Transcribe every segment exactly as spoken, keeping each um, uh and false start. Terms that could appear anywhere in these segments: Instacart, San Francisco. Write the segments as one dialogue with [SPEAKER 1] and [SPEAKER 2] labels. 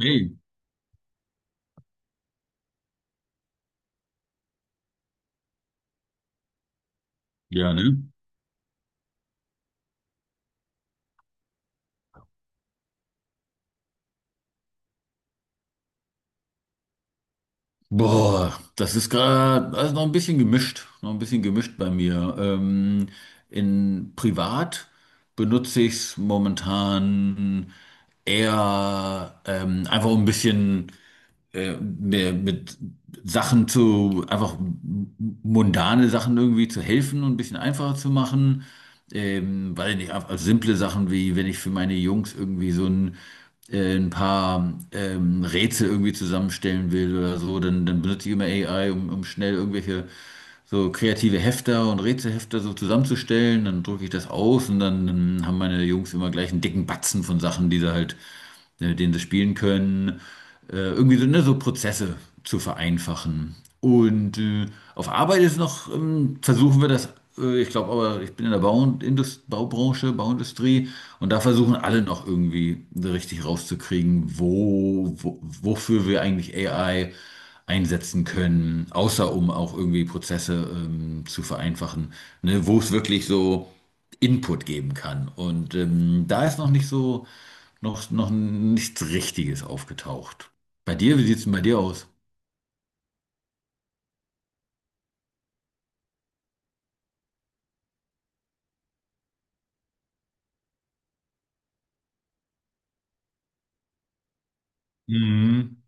[SPEAKER 1] Hey, ja, ne? Boah, das ist gerade also noch ein bisschen gemischt, noch ein bisschen gemischt bei mir. Ähm, in privat benutze ich es momentan eher ähm, einfach um ein bisschen äh, mir mit Sachen zu, einfach mundane Sachen irgendwie zu helfen und ein bisschen einfacher zu machen. Ähm, weil nicht, also simple Sachen wie, wenn ich für meine Jungs irgendwie so ein, äh, ein paar ähm, Rätsel irgendwie zusammenstellen will oder so, dann, dann benutze ich immer A I, um, um schnell irgendwelche so kreative Hefter und Rätselhefter so zusammenzustellen. Dann drucke ich das aus und dann, dann haben meine Jungs immer gleich einen dicken Batzen von Sachen, die sie halt, äh, mit denen sie spielen können. Äh, irgendwie so, ne, so Prozesse zu vereinfachen. Und äh, auf Arbeit ist noch, ähm, versuchen wir das, äh, ich glaube aber, ich bin in der Bau Indust Baubranche, Bauindustrie und da versuchen alle noch irgendwie richtig rauszukriegen, wo, wo, wofür wir eigentlich A I einsetzen können, außer um auch irgendwie Prozesse ähm, zu vereinfachen, ne, wo es wirklich so Input geben kann. Und ähm, da ist noch nicht so, noch, noch nichts Richtiges aufgetaucht. Bei dir, wie sieht es denn bei dir aus? Mhm.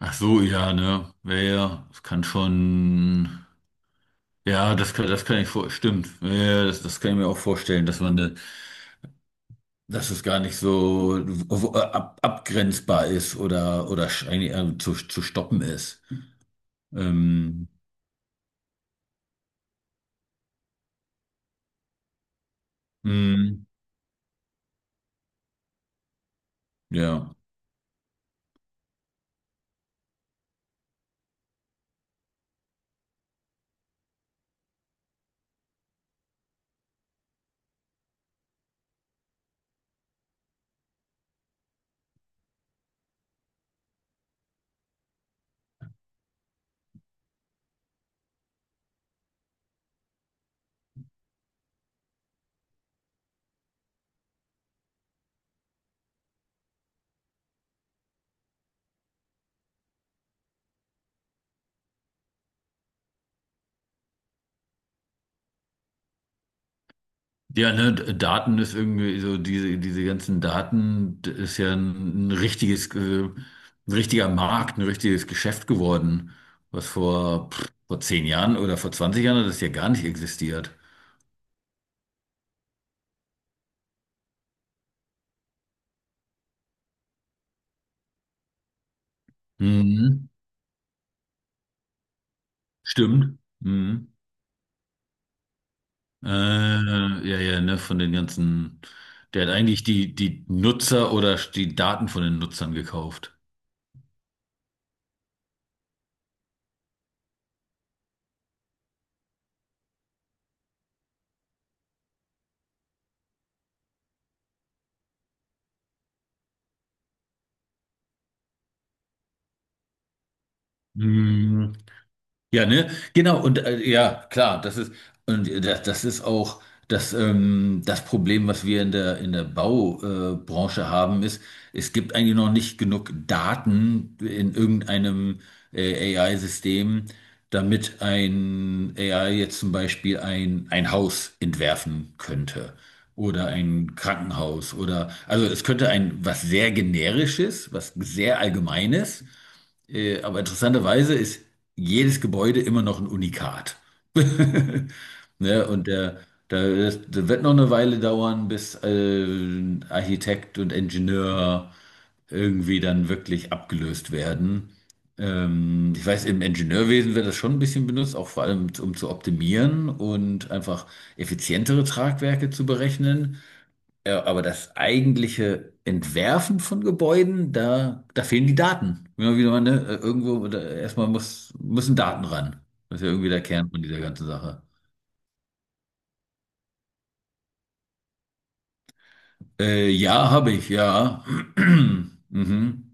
[SPEAKER 1] Ach so, ja, ne? Ja, ja, das kann schon. Ja, das kann, das kann ich vor. Stimmt. Ja, ja, das, das kann ich mir auch vorstellen, dass man, ne, dass es gar nicht so w- w- ab, abgrenzbar ist oder, oder sch- eigentlich, äh, zu, zu stoppen ist. Ähm, mh, ja. Ja, ne, D- Daten ist irgendwie so, diese, diese ganzen Daten d- ist ja ein, ein richtiges, äh, ein richtiger Markt, ein richtiges Geschäft geworden, was vor, pff, vor zehn Jahren oder vor zwanzig Jahren hat das ja gar nicht existiert. Mhm. Stimmt. Mhm. Äh, ja, ja, ne, von den ganzen, der hat eigentlich die, die Nutzer oder die Daten von den Nutzern gekauft. Mhm. Ja, ne? Genau, und äh, ja, klar, das ist, und äh, das, das ist auch das, ähm, das Problem, was wir in der, in der Baubranche äh, Branche haben, ist, es gibt eigentlich noch nicht genug Daten in irgendeinem äh, A I-System, damit ein A I jetzt zum Beispiel ein, ein Haus entwerfen könnte oder ein Krankenhaus oder, also es könnte ein was sehr generisches, was sehr allgemeines äh, aber interessanterweise ist jedes Gebäude immer noch ein Unikat. Ne? Und der, der, das, das wird noch eine Weile dauern, bis äh, ein Architekt und Ingenieur irgendwie dann wirklich abgelöst werden. Ähm, ich weiß, im Ingenieurwesen wird das schon ein bisschen benutzt, auch vor allem um zu optimieren und einfach effizientere Tragwerke zu berechnen. Ja, aber das eigentliche Entwerfen von Gebäuden, da, da fehlen die Daten. Immer wieder mal, ne? äh, Irgendwo, da, erstmal muss, müssen Daten ran. Das ist ja irgendwie der Kern von dieser ganzen Sache. Äh, ja, habe ich, ja. Mhm.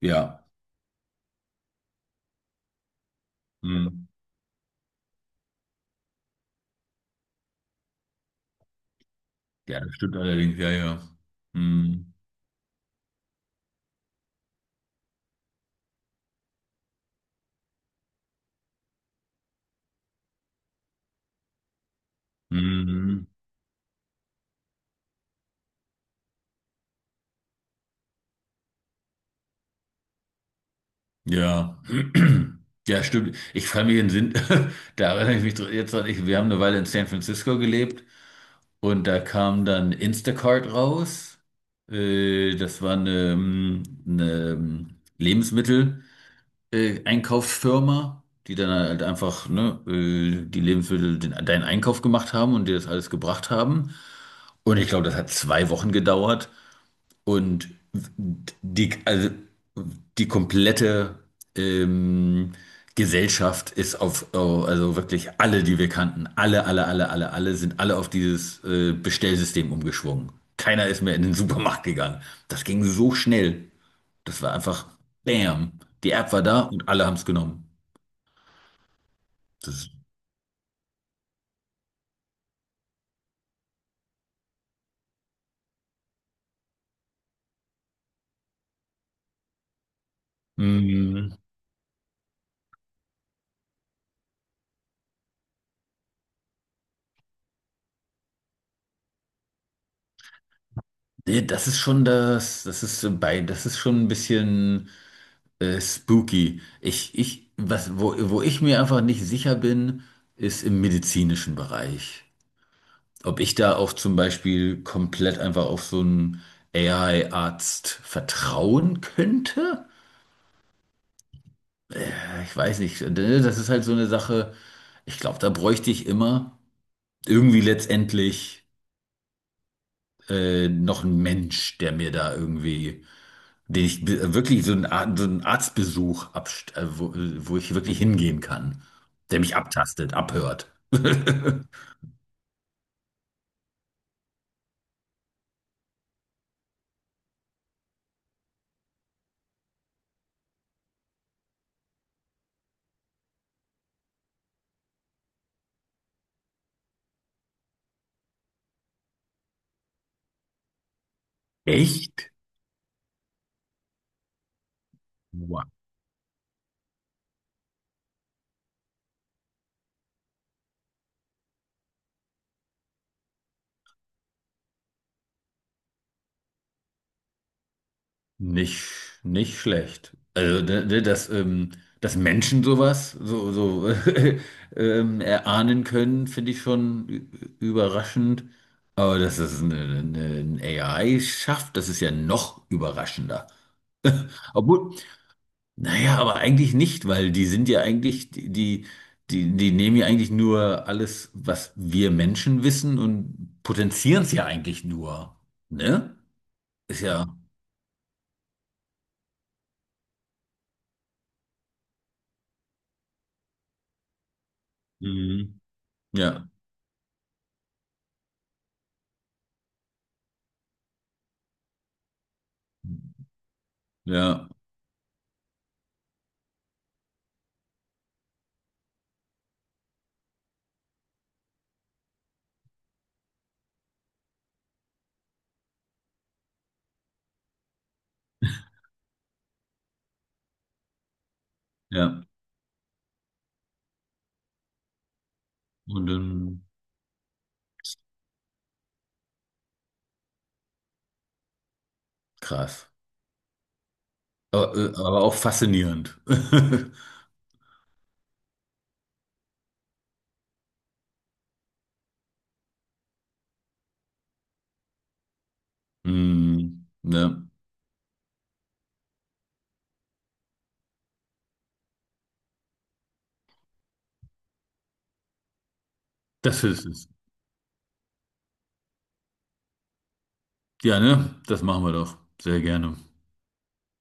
[SPEAKER 1] Ja. Mhm. Ja, das stimmt allerdings, ja, ja. Mhm. Mhm. Ja. Ja, stimmt. Ich kann mich in Sinn, da erinnere ich mich dr- jetzt dran, ich, wir haben eine Weile in San Francisco gelebt. Und da kam dann Instacart raus. Äh, das war eine, mm, eine mm, Lebensmittel, äh, Einkaufsfirma, die dann halt einfach, ne, äh, die Lebensmittel, den, deinen Einkauf gemacht haben und dir das alles gebracht haben. Und ich glaube, das hat zwei Wochen gedauert. Und die, also die komplette ähm, Gesellschaft ist auf, oh, also wirklich alle, die wir kannten, alle, alle, alle, alle, alle sind alle auf dieses äh, Bestellsystem umgeschwungen. Keiner ist mehr in den Supermarkt gegangen. Das ging so schnell. Das war einfach Bam. Die App war da und alle haben es genommen. Das, ist- mm, nee, das ist schon das, das ist so bei, das ist schon ein bisschen. Äh, spooky. Ich, ich, was, wo, wo ich mir einfach nicht sicher bin, ist im medizinischen Bereich. Ob ich da auch zum Beispiel komplett einfach auf so einen A I-Arzt vertrauen könnte? Äh, ich weiß nicht. Das ist halt so eine Sache. Ich glaube, da bräuchte ich immer irgendwie letztendlich. äh, noch ein Mensch, der mir da irgendwie, den ich be- wirklich so einen, Ar- so einen Arztbesuch abst äh, wo, wo ich wirklich hingehen kann, der mich abtastet, abhört. Echt? Wow. Nicht, nicht schlecht. Also, ne, ne, dass, ähm, dass Menschen sowas so, so ähm, erahnen können, finde ich schon ü- überraschend. Aber dass es eine, eine, ein A I schafft, das ist ja noch überraschender. Obwohl, naja, aber eigentlich nicht, weil die sind ja eigentlich, die, die, die die nehmen ja eigentlich nur alles, was wir Menschen wissen und potenzieren es ja eigentlich nur. Ne? Ist ja. Mhm. Ja. Ja. Ja. Und ähm, krass. Aber, äh, aber auch faszinierend. Mhm. Ne? Das ist es. Ja, ne? Das machen wir doch. Sehr gerne.